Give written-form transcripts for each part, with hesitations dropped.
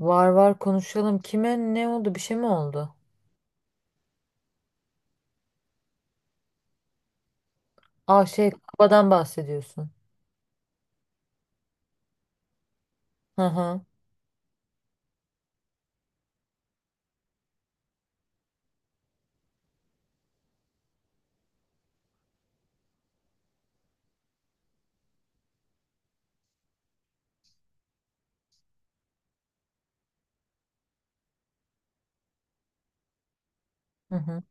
Var var konuşalım. Kime ne oldu? Bir şey mi oldu? Aa şey babadan bahsediyorsun. Hı hı. Hı hı.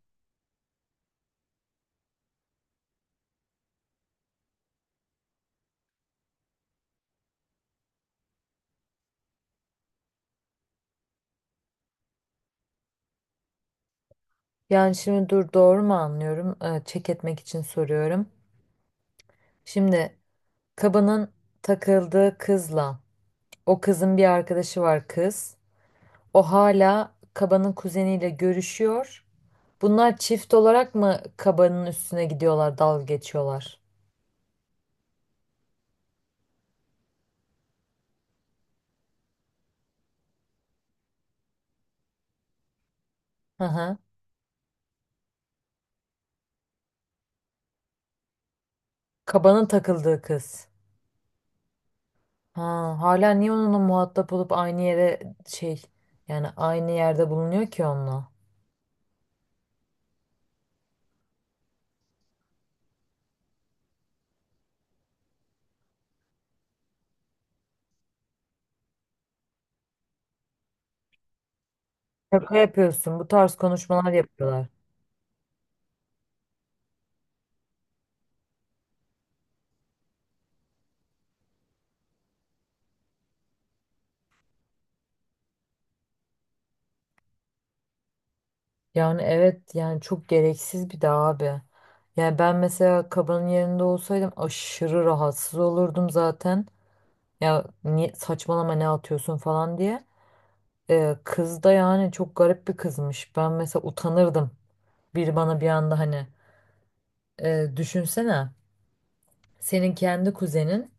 Yani şimdi dur, doğru mu anlıyorum? Çek etmek için soruyorum. Şimdi kabanın takıldığı kızla o kızın bir arkadaşı var kız. O hala kabanın kuzeniyle görüşüyor. Bunlar çift olarak mı kabanın üstüne gidiyorlar, dalga geçiyorlar? Hı hı. Kabanın takıldığı kız. Ha, hala niye onunla muhatap olup aynı yere şey, yani aynı yerde bulunuyor ki onunla? Şaka yapıyorsun. Bu tarz konuşmalar yapıyorlar. Yani evet, yani çok gereksiz bir de abi. Yani ben mesela kabanın yerinde olsaydım aşırı rahatsız olurdum zaten. Ya niye, saçmalama ne atıyorsun falan diye. Kız da yani çok garip bir kızmış. Ben mesela utanırdım. Biri bana bir anda hani, düşünsene senin kendi kuzenin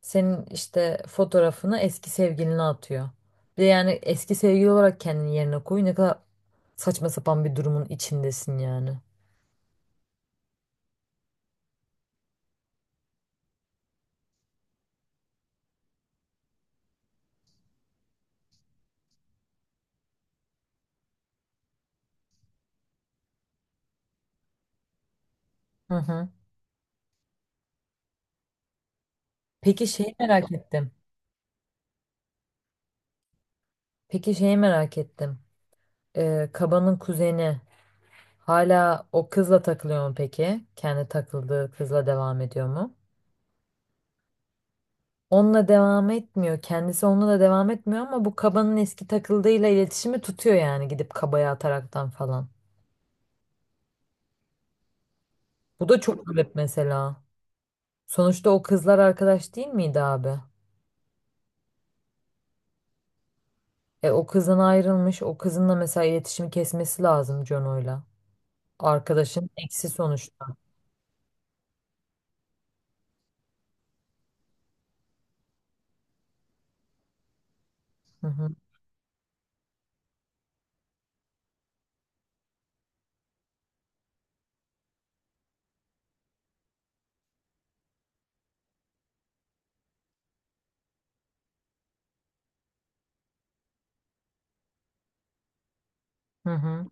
senin işte fotoğrafını eski sevgiline atıyor. Bir de yani eski sevgili olarak kendini yerine koy. Ne kadar saçma sapan bir durumun içindesin yani. Hı hı. Peki şeyi merak ettim. Peki şeyi merak ettim. Kaba'nın kuzeni hala o kızla takılıyor mu peki? Kendi takıldığı kızla devam ediyor mu? Onunla devam etmiyor. Kendisi onunla da devam etmiyor ama bu Kaba'nın eski takıldığıyla iletişimi tutuyor yani gidip Kaba'ya ataraktan falan. Bu da çok garip mesela. Sonuçta o kızlar arkadaş değil miydi abi? E o kızdan ayrılmış. O kızınla mesela iletişimi kesmesi lazım Jono'yla. Arkadaşın eksi sonuçta. Hı hı. Hı hı.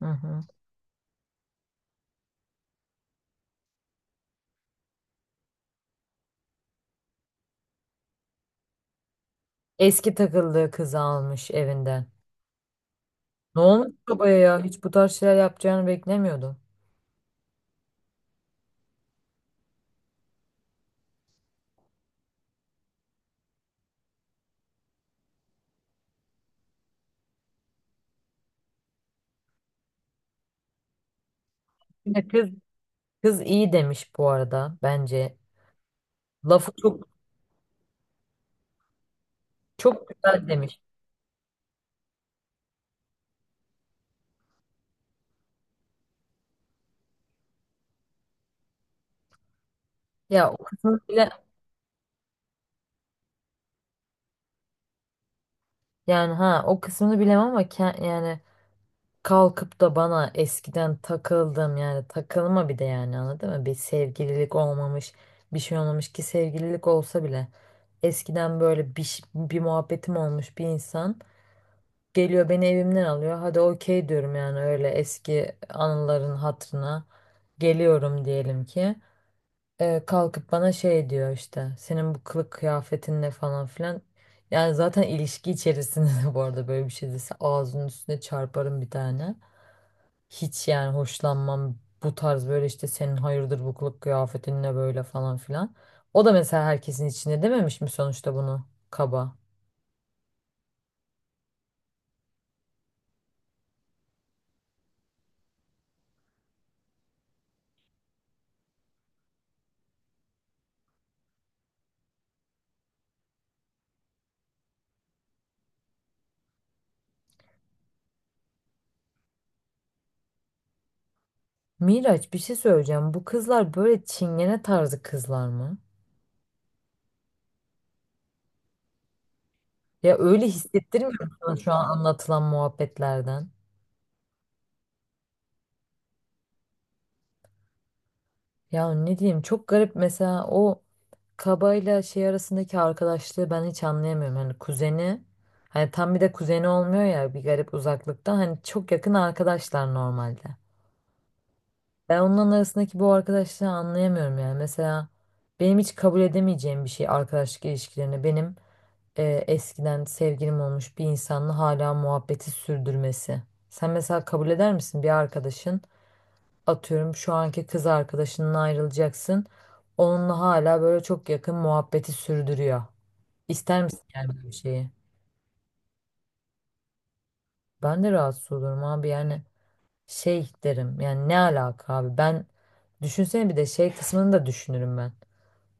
Hı hı. Eski takıldığı kızı almış evinden. Ne olmuş babaya ya? Hiç bu tarz şeyler yapacağını beklemiyordum. Bir de kız, kız iyi demiş bu arada bence. Lafı çok çok güzel demiş. Ya o kısmını bile, yani ha o kısmını bilemem ama ke- yani kalkıp da bana eskiden takıldım yani takılma bir de yani, anladın mı? Bir sevgililik olmamış, bir şey olmamış ki, sevgililik olsa bile eskiden böyle bir, ş- bir muhabbetim olmuş bir insan geliyor beni evimden alıyor. Hadi okey diyorum yani, öyle eski anıların hatırına geliyorum diyelim ki. Kalkıp bana şey diyor, işte senin bu kılık kıyafetin ne falan filan. Yani zaten ilişki içerisinde bu arada böyle bir şey dese ağzının üstüne çarparım bir tane. Hiç yani hoşlanmam bu tarz, böyle işte senin hayırdır bu kılık kıyafetin ne böyle falan filan. O da mesela herkesin içinde dememiş mi sonuçta bunu kaba. Miraç, bir şey söyleyeceğim. Bu kızlar böyle çingene tarzı kızlar mı? Ya öyle hissettirmiyor mu sana şu an anlatılan muhabbetlerden? Ya ne diyeyim, çok garip mesela o kabayla şey arasındaki arkadaşlığı ben hiç anlayamıyorum. Hani kuzeni, hani tam bir de kuzeni olmuyor ya, bir garip uzaklıktan, hani çok yakın arkadaşlar normalde. Ben onların arasındaki bu arkadaşlığı anlayamıyorum yani. Mesela benim hiç kabul edemeyeceğim bir şey arkadaşlık ilişkilerine, benim eskiden sevgilim olmuş bir insanla hala muhabbeti sürdürmesi. Sen mesela kabul eder misin, bir arkadaşın, atıyorum, şu anki kız arkadaşından ayrılacaksın. Onunla hala böyle çok yakın muhabbeti sürdürüyor. İster misin yani böyle bir şeyi? Ben de rahatsız olurum abi, yani şey derim yani ne alaka abi, ben düşünsene bir de şey kısmını da düşünürüm ben.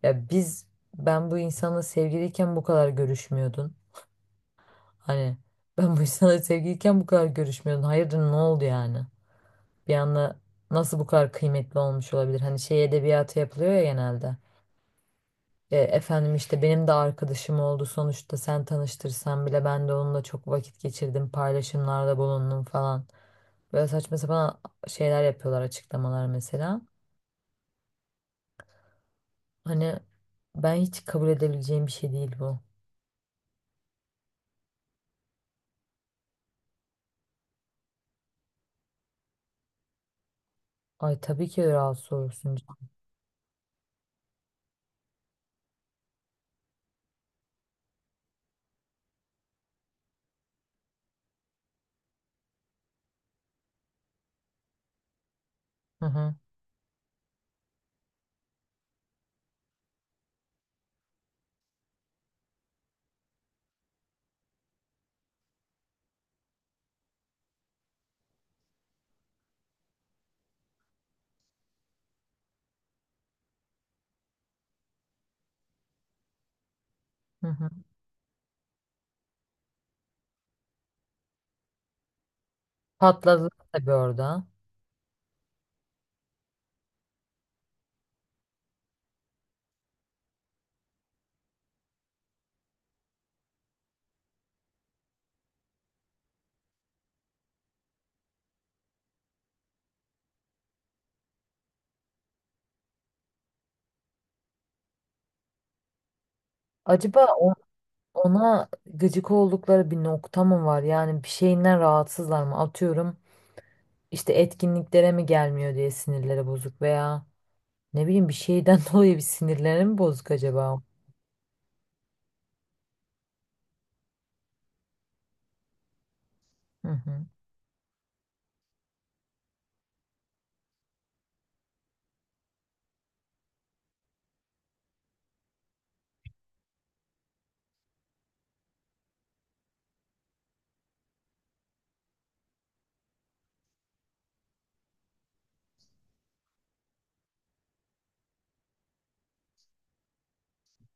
Ya biz, ben bu insanla sevgiliyken bu kadar görüşmüyordun. Hani ben bu insanla sevgiliyken bu kadar görüşmüyordun. Hayırdır ne oldu yani? Bir anda nasıl bu kadar kıymetli olmuş olabilir? Hani şey edebiyatı yapılıyor ya genelde. E, efendim işte benim de arkadaşım oldu sonuçta, sen tanıştırsan bile ben de onunla çok vakit geçirdim, paylaşımlarda bulundum falan. Böyle saçma sapan şeyler yapıyorlar, açıklamalar mesela. Hani ben hiç kabul edebileceğim bir şey değil bu. Ay tabii ki rahatsız olursun. Hı hı, hı hı. Patladı tabii orada. Acaba o- ona gıcık oldukları bir nokta mı var? Yani bir şeyinden rahatsızlar mı? Atıyorum işte etkinliklere mi gelmiyor diye sinirleri bozuk, veya ne bileyim bir şeyden dolayı bir sinirleri mi bozuk acaba? Hı hı.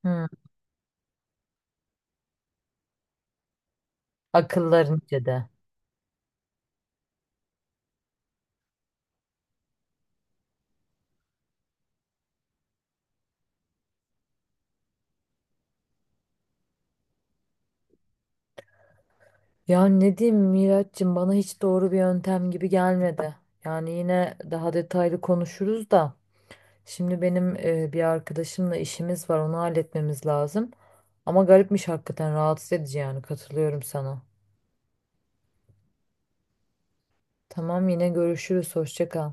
Hı. Akıllarınca da. Ya ne diyeyim Miraç'cığım, bana hiç doğru bir yöntem gibi gelmedi. Yani yine daha detaylı konuşuruz da. Şimdi benim bir arkadaşımla işimiz var, onu halletmemiz lazım. Ama garipmiş hakikaten, rahatsız edici yani, katılıyorum sana. Tamam, yine görüşürüz, hoşça kal.